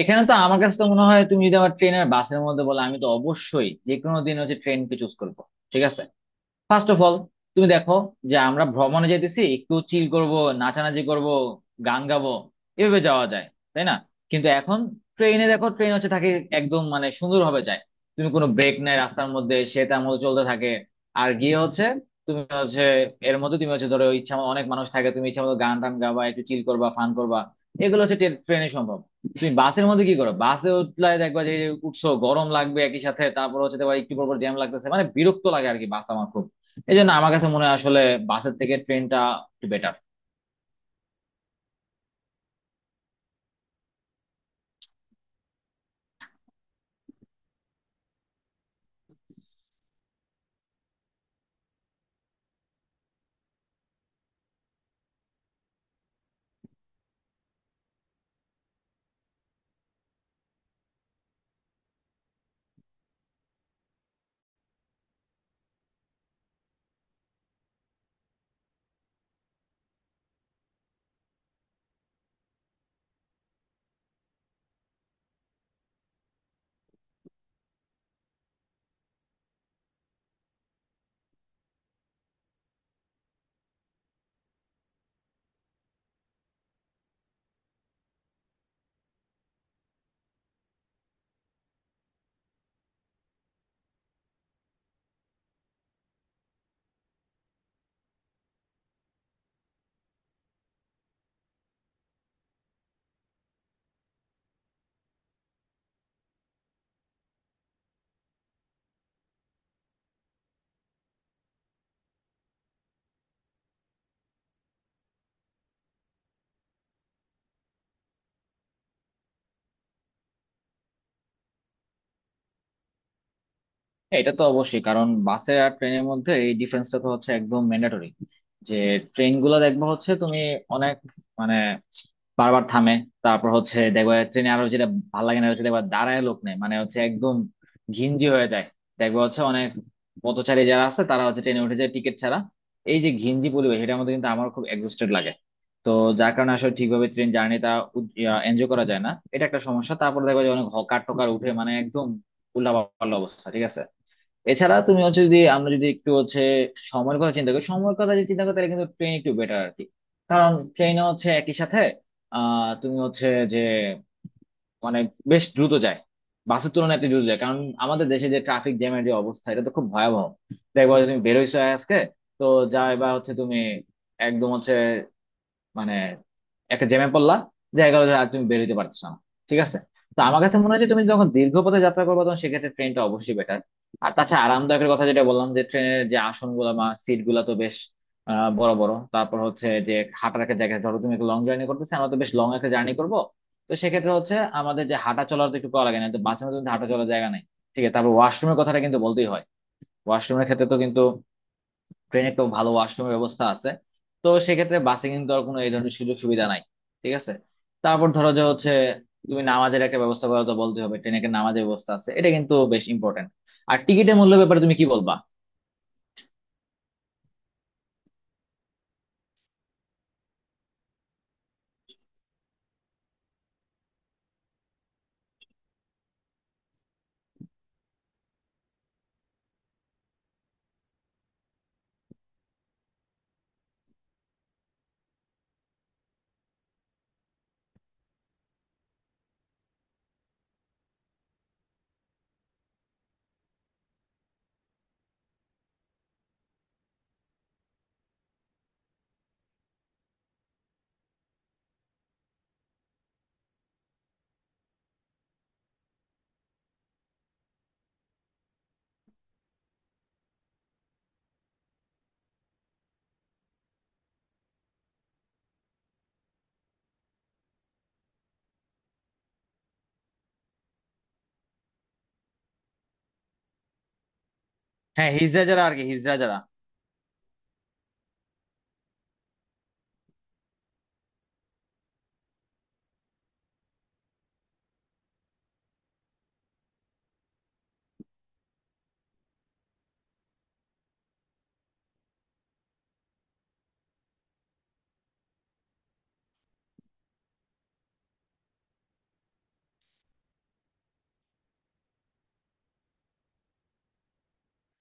এখানে তো আমার কাছে তো মনে হয়, তুমি যদি আমার ট্রেন আর বাসের মধ্যে বলো, আমি তো অবশ্যই যে কোনো দিন হচ্ছে ট্রেনকে চুজ করবো। ঠিক আছে, ফার্স্ট অফ অল, তুমি দেখো যে আমরা ভ্রমণে যেতেছি, একটু চিল করব, নাচানাচি করব, গান গাবো, এভাবে যাওয়া যায়, তাই না? কিন্তু এখন ট্রেনে দেখো, ট্রেন হচ্ছে থাকে একদম মানে সুন্দরভাবে যায়। তুমি কোনো ব্রেক নাই রাস্তার মধ্যে, সে তার মতো চলতে থাকে। আর গিয়ে হচ্ছে তুমি হচ্ছে এর মধ্যে তুমি হচ্ছে ধরো, ইচ্ছা মতো- অনেক মানুষ থাকে, তুমি ইচ্ছা মতো গান টান গাবা, একটু চিল করবা, ফান করবা। এগুলো হচ্ছে ট্রেনে সম্ভব। তুমি বাসের মধ্যে কি করো? বাসে উঠলে দেখবা যে উঠছো গরম লাগবে একই সাথে, তারপর হচ্ছে তোমার একটু পর জ্যাম লাগতেছে, মানে বিরক্ত লাগে আর কি। বাস আমার খুব, এই জন্য আমার কাছে মনে হয় আসলে বাসের থেকে ট্রেনটা একটু বেটার। হ্যাঁ, এটা তো অবশ্যই, কারণ বাসে আর ট্রেনের মধ্যে এই ডিফারেন্সটা তো হচ্ছে একদম ম্যান্ডেটরি, যে ট্রেন গুলো দেখবো হচ্ছে তুমি অনেক মানে বারবার থামে। তারপর হচ্ছে দেখবা, ট্রেনে আরো যেটা ভালো লাগে না হচ্ছে দেখবা দাঁড়ায় লোক নেই, মানে হচ্ছে একদম ঘিঞ্জি হয়ে যায়। দেখবা হচ্ছে অনেক পথচারী যারা আছে তারা হচ্ছে ট্রেনে উঠে যায় টিকিট ছাড়া। এই যে ঘিঞ্জি পরিবেশ, এটার মধ্যে কিন্তু আমার খুব এক্সস্টেড লাগে। তো যার কারণে আসলে ঠিকভাবে ট্রেন জার্নিটা এনজয় করা যায় না, এটা একটা সমস্যা। তারপর দেখবা যে অনেক হকার টকার উঠে মানে একদম উল্লাপাল্লা অবস্থা। ঠিক আছে, এছাড়া তুমি হচ্ছে যদি আমরা যদি একটু হচ্ছে সময়ের কথা চিন্তা করি, সময়ের কথা যদি চিন্তা করি, তাহলে কিন্তু ট্রেন একটু বেটার আর কি। কারণ ট্রেনে হচ্ছে একই সাথে তুমি হচ্ছে যে মানে বেশ দ্রুত যায়, বাসের তুলনায় একটু দ্রুত যায়। কারণ আমাদের দেশে যে ট্রাফিক জ্যামের যে অবস্থা, এটা তো খুব ভয়াবহ। দেখবো যে তুমি বেরোইছো আজকে, তো যা এবার হচ্ছে তুমি একদম হচ্ছে মানে একটা জ্যামে পড়লা, দেখা গেলো যে আর তুমি বের হইতে পারছো না। ঠিক আছে, তো আমার কাছে মনে হয় যে তুমি যখন দীর্ঘ পথে যাত্রা করবে তখন সেক্ষেত্রে ট্রেনটা অবশ্যই বেটার। আর তাছাড়া আরামদায়কের কথা যেটা বললাম, যে ট্রেনের যে আসন গুলা বা সিট গুলা তো বেশ বড় বড়। তারপর হচ্ছে যে হাঁটার একটা জায়গায় ধরো, তুমি একটা লং জার্নি করতেছো, আমরা তো বেশ লং একটা জার্নি করবো। তো সেক্ষেত্রে হচ্ছে আমাদের যে হাঁটা চলার তো একটু করা লাগে, না তো বাসের মধ্যে কিন্তু হাঁটা চলার জায়গা নেই। ঠিক আছে, তারপর ওয়াশরুমের কথাটা কিন্তু বলতেই হয়। ওয়াশরুমের ক্ষেত্রে তো কিন্তু ট্রেনে তো ভালো ওয়াশরুমের ব্যবস্থা আছে। তো সেক্ষেত্রে বাসে কিন্তু আর কোনো এই ধরনের সুযোগ সুবিধা নাই। ঠিক আছে, তারপর ধরো যে হচ্ছে তুমি নামাজের একটা ব্যবস্থা করা তো বলতে হবে, ট্রেনে একটা নামাজের ব্যবস্থা আছে, এটা কিন্তু বেশ ইম্পর্টেন্ট। আর টিকিটের মূল্য ব্যাপারে তুমি কি বলবা? হ্যাঁ, হিজড়া যারা আর কি, হিজড়া যারা।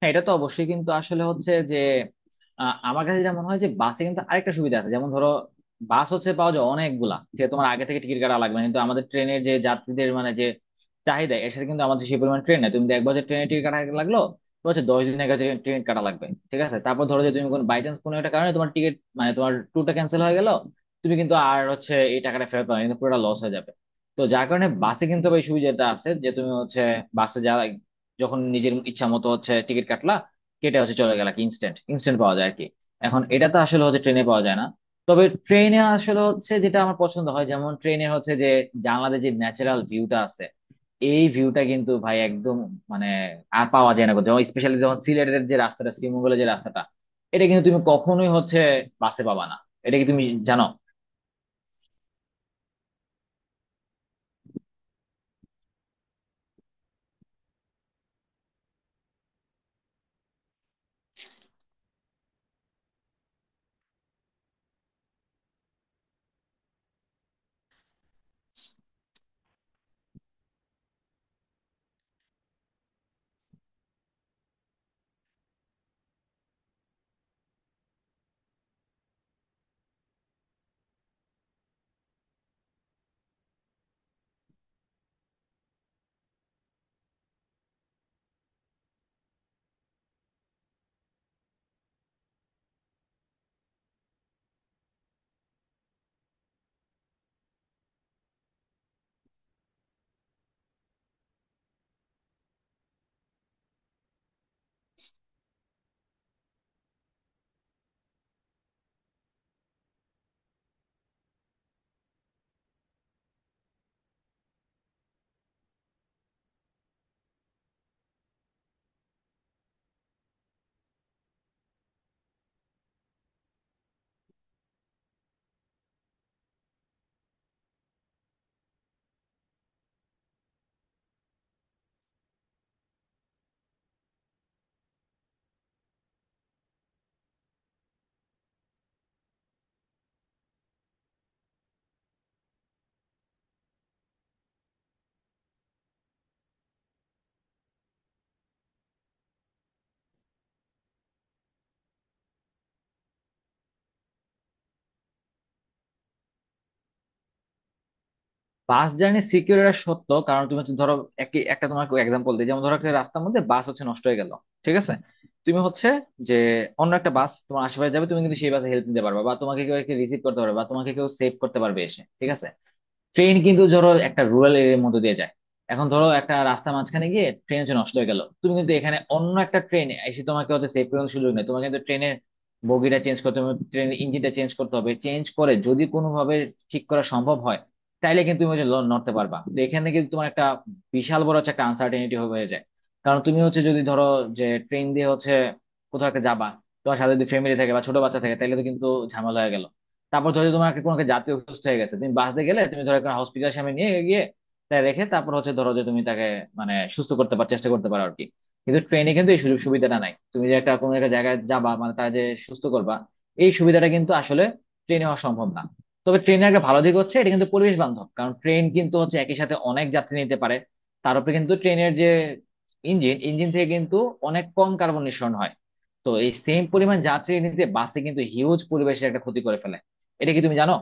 হ্যাঁ, এটা তো অবশ্যই, কিন্তু আসলে হচ্ছে যে আমার কাছে যেটা মনে হয় যে বাসে কিন্তু আরেকটা সুবিধা আছে, যেমন ধরো, বাস হচ্ছে পাওয়া যায় অনেকগুলা, যে তোমার আগে থেকে টিকিট কাটা লাগবে না। কিন্তু আমাদের ট্রেনের যে যাত্রীদের মানে যে চাহিদা, এর সাথে কিন্তু আমাদের সেই পরিমাণ ট্রেন নেই। তুমি দেখবা যে ট্রেনের টিকিট কাটা লাগলো, তো হচ্ছে 10 দিনের কাছে ট্রেন কাটা লাগবে। ঠিক আছে, তারপর ধরো যে তুমি কোন বাই চান্স কোনো একটা কারণে তোমার টিকিট মানে তোমার ট্যুরটা ক্যান্সেল হয়ে গেল, তুমি কিন্তু আর হচ্ছে এই টাকাটা ফেরত পাবে না, কিন্তু পুরোটা লস হয়ে যাবে। তো যার কারণে বাসে কিন্তু আবার এই সুবিধাটা আছে যে তুমি হচ্ছে বাসে যাওয়া, যখন নিজের ইচ্ছা মতো হচ্ছে টিকিট কাটলা, কেটে হচ্ছে চলে গেলা, কি ইনস্ট্যান্ট ইনস্ট্যান্ট পাওয়া যায় আর কি। এখন এটা তো আসলে হচ্ছে ট্রেনে পাওয়া যায় না। তবে ট্রেনে আসলে হচ্ছে যেটা আমার পছন্দ হয়, যেমন ট্রেনে হচ্ছে যে জানলাতে যে ন্যাচারাল ভিউটা আছে, এই ভিউটা কিন্তু ভাই একদম মানে আর পাওয়া যায় না। যেমন স্পেশালি যখন সিলেটের যে রাস্তাটা, শ্রীমঙ্গলের যে রাস্তাটা, এটা কিন্তু তুমি কখনোই হচ্ছে বাসে পাবা না। এটা কি তুমি জানো? বাস জার্নি সিকিউর এটা সত্য, কারণ তুমি হচ্ছে ধরো, একই একটা তোমাকে এক্সাম্পল দিই, যেমন ধরো একটা রাস্তার মধ্যে বাস হচ্ছে নষ্ট হয়ে গেল। ঠিক আছে, তুমি হচ্ছে যে অন্য একটা বাস তোমার আশেপাশে যাবে, তুমি কিন্তু সেই বাসে হেল্প নিতে পারবে, বা তোমাকে কেউ রিসিভ করতে পারবে, বা তোমাকে কেউ সেভ করতে পারবে এসে। ঠিক আছে, ট্রেন কিন্তু ধরো একটা রুরাল এরিয়ার মধ্যে দিয়ে যায়, এখন ধরো একটা রাস্তা মাঝখানে গিয়ে ট্রেন হচ্ছে নষ্ট হয়ে গেল, তুমি কিন্তু এখানে অন্য একটা ট্রেন এসে তোমাকে হচ্ছে সেভ করার সুযোগ নেই। তোমাকে কিন্তু ট্রেনের বগিটা চেঞ্জ করতে হবে, ট্রেনের ইঞ্জিনটা চেঞ্জ করতে হবে, চেঞ্জ করে যদি কোনোভাবে ঠিক করা সম্ভব হয়, তাইলে কিন্তু তুমি হচ্ছে নড়তে পারবা। তো এখানে কিন্তু তোমার একটা বিশাল বড় হচ্ছে একটা আনসার্টেনিটি হয়ে যায়। কারণ তুমি হচ্ছে যদি ধরো যে ট্রেন দিয়ে হচ্ছে কোথাও একটা যাবা, তোমার সাথে যদি ফ্যামিলি থাকে বা ছোট বাচ্চা থাকে, তাহলে তো কিন্তু ঝামেলা হয়ে গেল। তারপর ধরো তোমার একটা কোনো একটা জাতীয় অসুস্থ হয়ে গেছে, তুমি বাসে গেলে তুমি ধরো একটা হসপিটাল সামনে নিয়ে গিয়ে তাই রেখে, তারপর হচ্ছে ধরো যে তুমি তাকে মানে সুস্থ করতে পার, চেষ্টা করতে পারো আর কি। কিন্তু ট্রেনে কিন্তু এই সুযোগ সুবিধাটা নাই। তুমি যে একটা কোনো একটা জায়গায় যাবা, মানে তার যে সুস্থ করবা, এই সুবিধাটা কিন্তু আসলে ট্রেনে হওয়া সম্ভব না। তবে ট্রেনের একটা ভালো দিক হচ্ছে এটা কিন্তু পরিবেশ বান্ধব, কারণ ট্রেন কিন্তু হচ্ছে একই সাথে অনেক যাত্রী নিতে পারে। তার উপরে কিন্তু ট্রেনের যে ইঞ্জিন ইঞ্জিন থেকে কিন্তু অনেক কম কার্বন নিঃসরণ হয়। তো এই সেম পরিমাণ যাত্রী নিতে বাসে কিন্তু হিউজ পরিবেশের একটা ক্ষতি করে ফেলে। এটা কি তুমি জানো?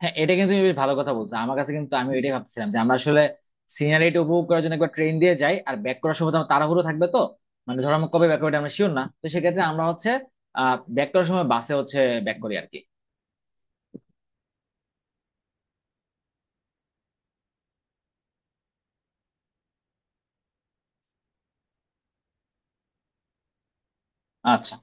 হ্যাঁ, এটা কিন্তু তুমি বেশ ভালো কথা বলছো, আমার কাছে কিন্তু আমি এটাই ভাবছিলাম যে আমরা আসলে সিনারিটা উপভোগ করার জন্য একবার ট্রেন দিয়ে যাই, আর ব্যাক করার সময় তো আমার তাড়াহুড়ো থাকবে। তো মানে ধরো আমরা কবে ব্যাক করবে আমরা শিওর না, তো সেক্ষেত্রে আমরা হচ্ছে ব্যাক করার সময় বাসে হচ্ছে ব্যাক করি আর কি। আচ্ছা।